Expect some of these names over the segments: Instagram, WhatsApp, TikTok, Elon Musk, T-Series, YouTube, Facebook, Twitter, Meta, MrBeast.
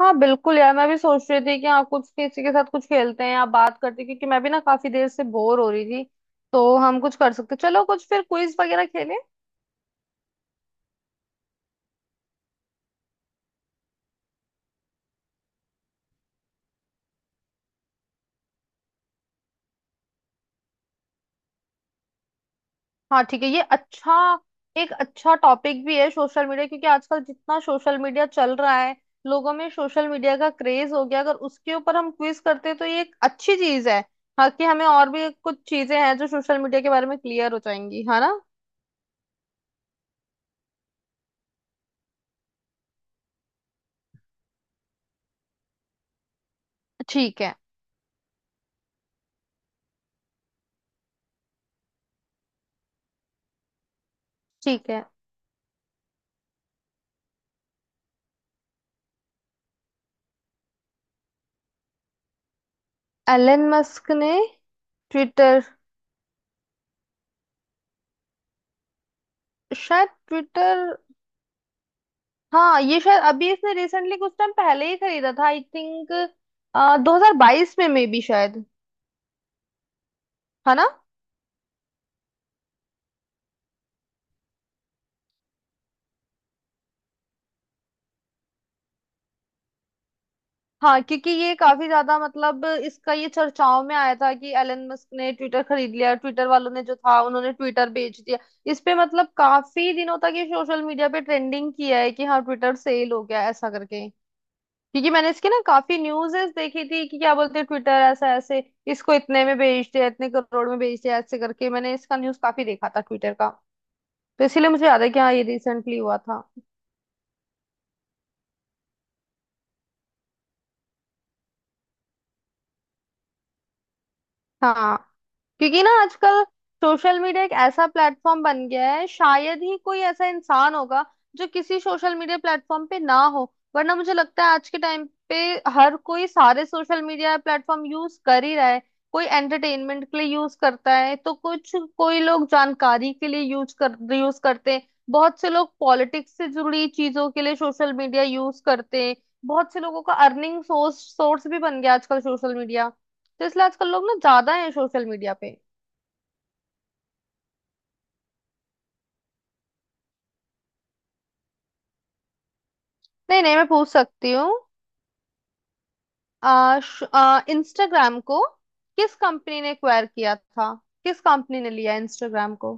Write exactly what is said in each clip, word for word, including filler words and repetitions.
हाँ बिल्कुल यार, मैं भी सोच रही थी कि हाँ कुछ किसी के साथ कुछ खेलते हैं या बात करते हैं, क्योंकि मैं भी ना काफी देर से बोर हो रही थी। तो हम कुछ कर सकते, चलो कुछ फिर क्विज वगैरह खेलें। हाँ ठीक है, ये अच्छा। एक अच्छा टॉपिक भी है सोशल मीडिया, क्योंकि आजकल जितना सोशल मीडिया चल रहा है, लोगों में सोशल मीडिया का क्रेज हो गया। अगर उसके ऊपर हम क्विज करते हैं तो ये एक अच्छी चीज है। हाँ कि हमें और भी कुछ चीजें हैं जो सोशल मीडिया के बारे में क्लियर हो जाएंगी, है ना। ठीक है। ठीक है। एलन मस्क ने ट्विटर। शायद ट्विटर। हाँ ये शायद अभी इसने रिसेंटली कुछ टाइम पहले ही खरीदा था, आई थिंक 2022 में, मे बी शायद, है ना। हाँ क्योंकि ये काफी ज्यादा मतलब इसका ये चर्चाओं में आया था कि एलन मस्क ने ट्विटर खरीद लिया, ट्विटर वालों ने जो था उन्होंने ट्विटर बेच दिया। इस पे मतलब काफी दिनों तक ये सोशल मीडिया पे ट्रेंडिंग किया है कि हाँ ट्विटर सेल हो गया, ऐसा करके। क्योंकि मैंने इसके ना काफी न्यूज़ेस देखी थी कि क्या बोलते हैं ट्विटर ऐसा ऐसे, इसको इतने में बेच दिया, इतने करोड़ में बेच दिया, ऐसे करके मैंने इसका न्यूज़ काफी देखा था ट्विटर का। तो इसीलिए मुझे याद है कि हाँ ये रिसेंटली हुआ था। हाँ, क्योंकि ना आजकल सोशल मीडिया एक ऐसा प्लेटफॉर्म बन गया है, शायद ही कोई ऐसा इंसान होगा जो किसी सोशल मीडिया प्लेटफॉर्म पे ना हो। वरना मुझे लगता है आज के टाइम पे हर कोई सारे सोशल मीडिया प्लेटफॉर्म यूज कर ही रहा है। कोई एंटरटेनमेंट के लिए यूज करता है, तो कुछ कोई लोग जानकारी के लिए यूज कर यूज करते हैं। बहुत से लोग पॉलिटिक्स से जुड़ी चीजों के लिए सोशल मीडिया यूज करते हैं। बहुत से लोगों का अर्निंग सोर्स सोर्स भी बन गया आजकल सोशल मीडिया। तो इसलिए आजकल लोग ना ज्यादा है सोशल मीडिया पे। नहीं नहीं, मैं पूछ सकती हूँ। आ, श- आ, इंस्टाग्राम को किस कंपनी ने एक्वायर किया था? किस कंपनी ने लिया इंस्टाग्राम को?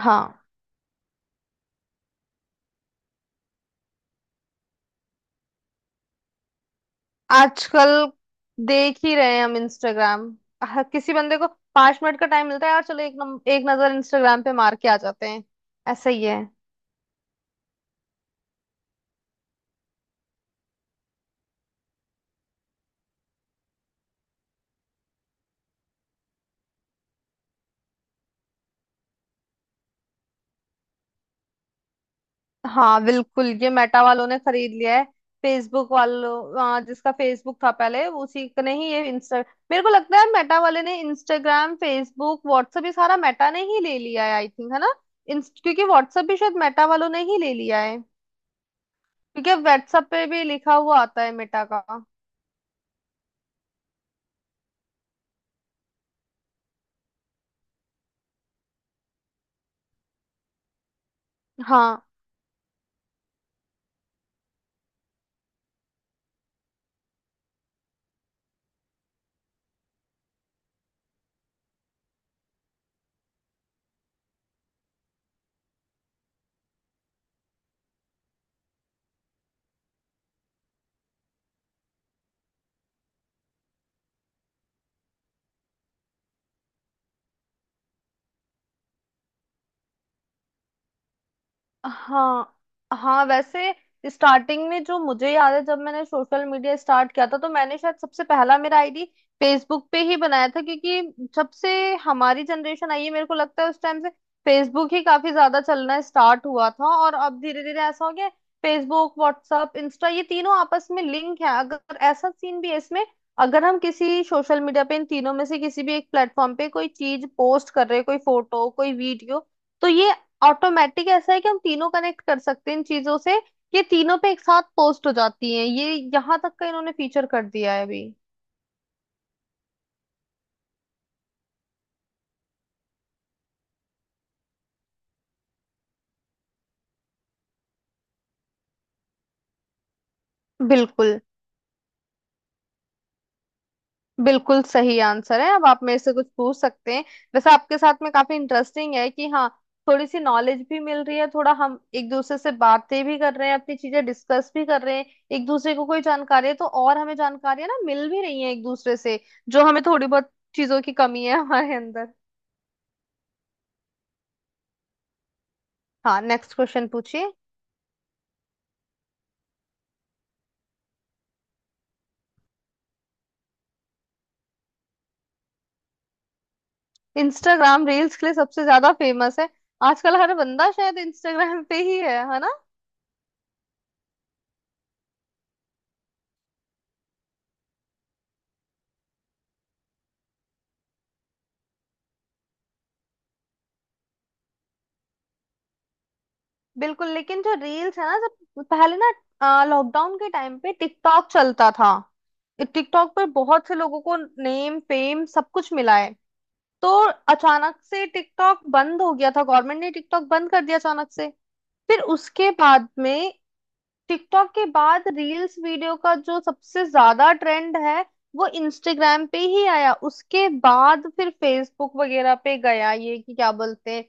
हाँ, आजकल देख ही रहे हैं हम इंस्टाग्राम। हर किसी बंदे को पांच मिनट का टाइम मिलता है, यार चलो एक नम, एक नजर इंस्टाग्राम पे मार के आ जाते हैं। ऐसा ही है। हाँ बिल्कुल, ये मेटा वालों ने खरीद लिया है। फेसबुक वालों आ, जिसका फेसबुक था पहले उसी का नहीं ये इंस्टा। मेरे को लगता है मेटा वाले ने इंस्टाग्राम, फेसबुक, व्हाट्सएप ये सारा मेटा ने ही ले लिया है, आई थिंक, है ना। इंस- क्योंकि व्हाट्सएप भी शायद मेटा वालों ने ही ले लिया है। क्योंकि व्हाट्सएप पे भी लिखा हुआ आता है मेटा का। हाँ। हाँ। हाँ वैसे, स्टार्टिंग में जो मुझे याद है, जब मैंने सोशल मीडिया स्टार्ट किया था तो मैंने शायद सबसे पहला मेरा आईडी फेसबुक पे ही बनाया था, क्योंकि जब से हमारी जनरेशन आई है, मेरे को लगता है उस टाइम से फेसबुक ही काफी ज्यादा चलना स्टार्ट हुआ था। और अब धीरे धीरे ऐसा हो गया फेसबुक, व्हाट्सअप, इंस्टा ये तीनों आपस में लिंक है, अगर ऐसा सीन भी है इसमें। अगर हम किसी सोशल मीडिया पे इन तीनों में से किसी भी एक प्लेटफॉर्म पे कोई चीज पोस्ट कर रहे हैं, कोई फोटो कोई वीडियो, तो ये ऑटोमेटिक ऐसा है कि हम तीनों कनेक्ट कर सकते हैं इन चीजों से। ये तीनों पे एक साथ पोस्ट हो जाती हैं, ये यहाँ तक का इन्होंने फीचर कर दिया है अभी। बिल्कुल, बिल्कुल सही आंसर है। अब आप मेरे से कुछ पूछ सकते हैं। वैसे आपके साथ में काफी इंटरेस्टिंग है कि हाँ, थोड़ी सी नॉलेज भी मिल रही है, थोड़ा हम एक दूसरे से बातें भी कर रहे हैं, अपनी चीजें डिस्कस भी कर रहे हैं। एक दूसरे को कोई जानकारी है तो और हमें जानकारियां ना मिल भी रही हैं एक दूसरे से, जो हमें थोड़ी बहुत चीजों की कमी है हमारे अंदर। हाँ, नेक्स्ट क्वेश्चन पूछिए। इंस्टाग्राम रील्स के लिए सबसे ज्यादा फेमस है। आजकल हर बंदा शायद इंस्टाग्राम पे ही है है ना। बिल्कुल, लेकिन जो रील्स है ना, जब पहले ना लॉकडाउन के टाइम पे टिकटॉक चलता था, टिकटॉक पर बहुत से लोगों को नेम फेम सब कुछ मिला है। तो अचानक से टिकटॉक बंद हो गया था, गवर्नमेंट ने टिकटॉक बंद कर दिया अचानक से। फिर उसके बाद में टिकटॉक के बाद रील्स वीडियो का जो सबसे ज्यादा ट्रेंड है, वो इंस्टाग्राम पे ही आया, उसके बाद फिर फेसबुक वगैरह पे गया, ये कि क्या बोलते हैं।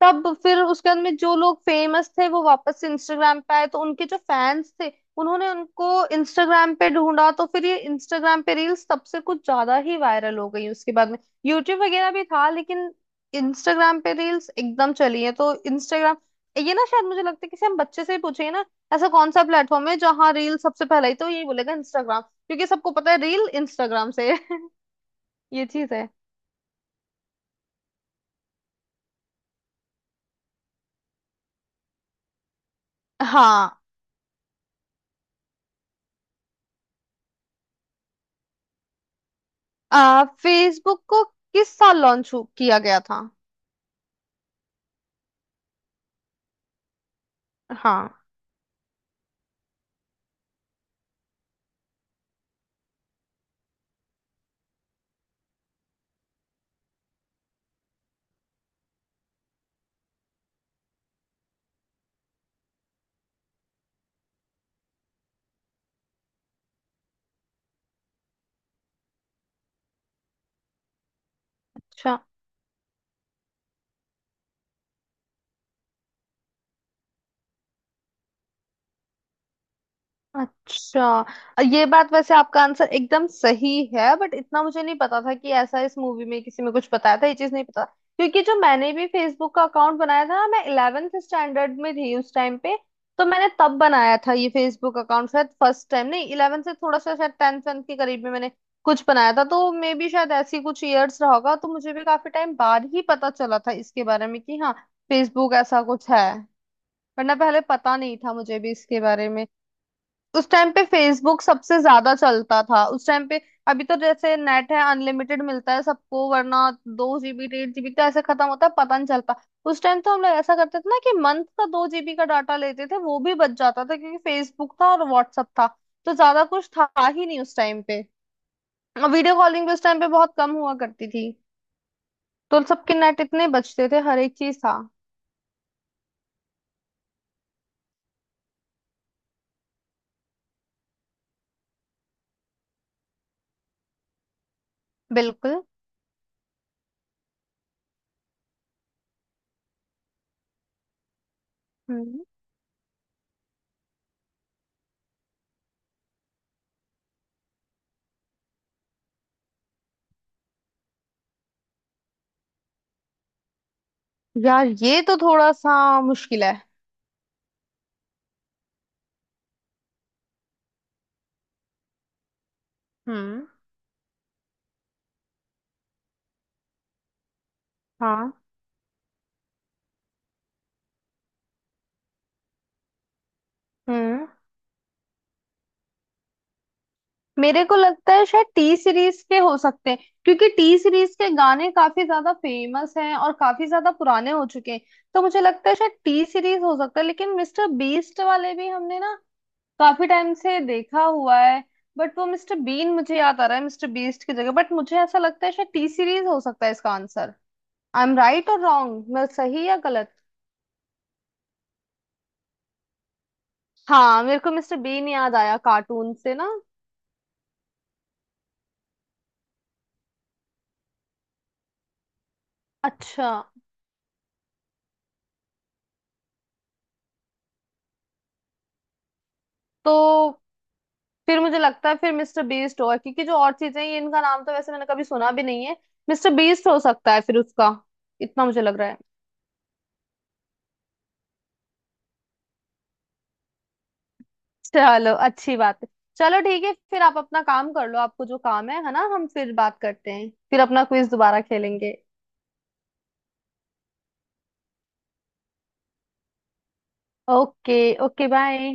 तब फिर उसके बाद में जो लोग फेमस थे वो वापस से इंस्टाग्राम पे आए, तो उनके जो फैंस थे उन्होंने उनको इंस्टाग्राम पे ढूंढा। तो फिर ये इंस्टाग्राम पे रील्स तब से कुछ ज्यादा ही वायरल हो गई उसके बाद में। यूट्यूब वगैरह भी था, लेकिन इंस्टाग्राम पे रील्स एकदम चली है तो इंस्टाग्राम। ये ना शायद मुझे लगता है किसी हम बच्चे से ही पूछे ना, ऐसा कौन सा प्लेटफॉर्म है जहाँ रील सबसे पहले, ही तो यही बोलेगा इंस्टाग्राम, क्योंकि सबको पता है रील इंस्टाग्राम से है। ये चीज है। हाँ। आ, फेसबुक को किस साल लॉन्च किया गया था? हाँ। अच्छा। अच्छा। अ, ये बात, वैसे आपका आंसर एकदम सही है, बट इतना मुझे नहीं पता था कि ऐसा इस मूवी में किसी में कुछ बताया था, ये चीज नहीं पता। क्योंकि जो मैंने भी फेसबुक का अकाउंट बनाया था मैं इलेवेंथ स्टैंडर्ड में थी उस टाइम पे। तो मैंने तब बनाया था ये फेसबुक अकाउंट, शायद फर्स्ट टाइम नहीं, इलेवेंथ से थोड़ा सा शायद टेंथ वेंथ के करीब में मैंने कुछ बनाया था। तो मे बी शायद ऐसी कुछ ईयर्स रहा होगा, तो मुझे भी काफी टाइम बाद ही पता चला था इसके बारे में कि हाँ फेसबुक ऐसा कुछ है। वरना पहले पता नहीं था मुझे भी इसके बारे में। उस टाइम पे फेसबुक सबसे ज्यादा चलता था उस टाइम पे। अभी तो जैसे नेट है अनलिमिटेड मिलता है सबको, वरना दो जीबी डेढ़ जीबी तो ऐसे खत्म होता है पता नहीं चलता। उस टाइम तो हम लोग ऐसा करते थे ना कि मंथ का दो जीबी का डाटा लेते थे, वो भी बच जाता था, क्योंकि फेसबुक था और व्हाट्सअप था, तो ज्यादा कुछ था ही नहीं उस टाइम पे। और वीडियो कॉलिंग भी उस टाइम पे बहुत कम हुआ करती थी। तो सबके नेट इतने बचते थे, हर एक चीज था। बिल्कुल। हम्म। यार ये तो थोड़ा सा मुश्किल है। हम्म। हाँ। हम्म, मेरे को लगता है शायद टी सीरीज के हो सकते हैं, क्योंकि टी सीरीज के गाने काफी ज्यादा फेमस हैं और काफी ज्यादा पुराने हो चुके हैं। तो मुझे लगता है शायद टी सीरीज हो सकता है, लेकिन मिस्टर बीस्ट वाले भी हमने ना काफी टाइम से देखा हुआ है। बट वो मिस्टर बीन मुझे याद आ रहा है मिस्टर बीस्ट की जगह, बट मुझे ऐसा लगता है शायद टी सीरीज हो सकता है इसका आंसर। आई एम राइट और रॉन्ग, मैं सही या गलत। हाँ मेरे को मिस्टर बीन याद आया कार्टून से ना। अच्छा। तो फिर मुझे लगता है फिर मिस्टर बीस्ट होगा, क्योंकि जो और चीजें हैं, ये इनका नाम तो वैसे मैंने कभी सुना भी नहीं है। मिस्टर बीस्ट हो सकता है फिर उसका, इतना मुझे लग रहा है। चलो अच्छी बात है। चलो ठीक है, फिर आप अपना काम कर लो, आपको जो काम है है ना, हम फिर बात करते हैं, फिर अपना क्विज दोबारा खेलेंगे। ओके। Okay bye.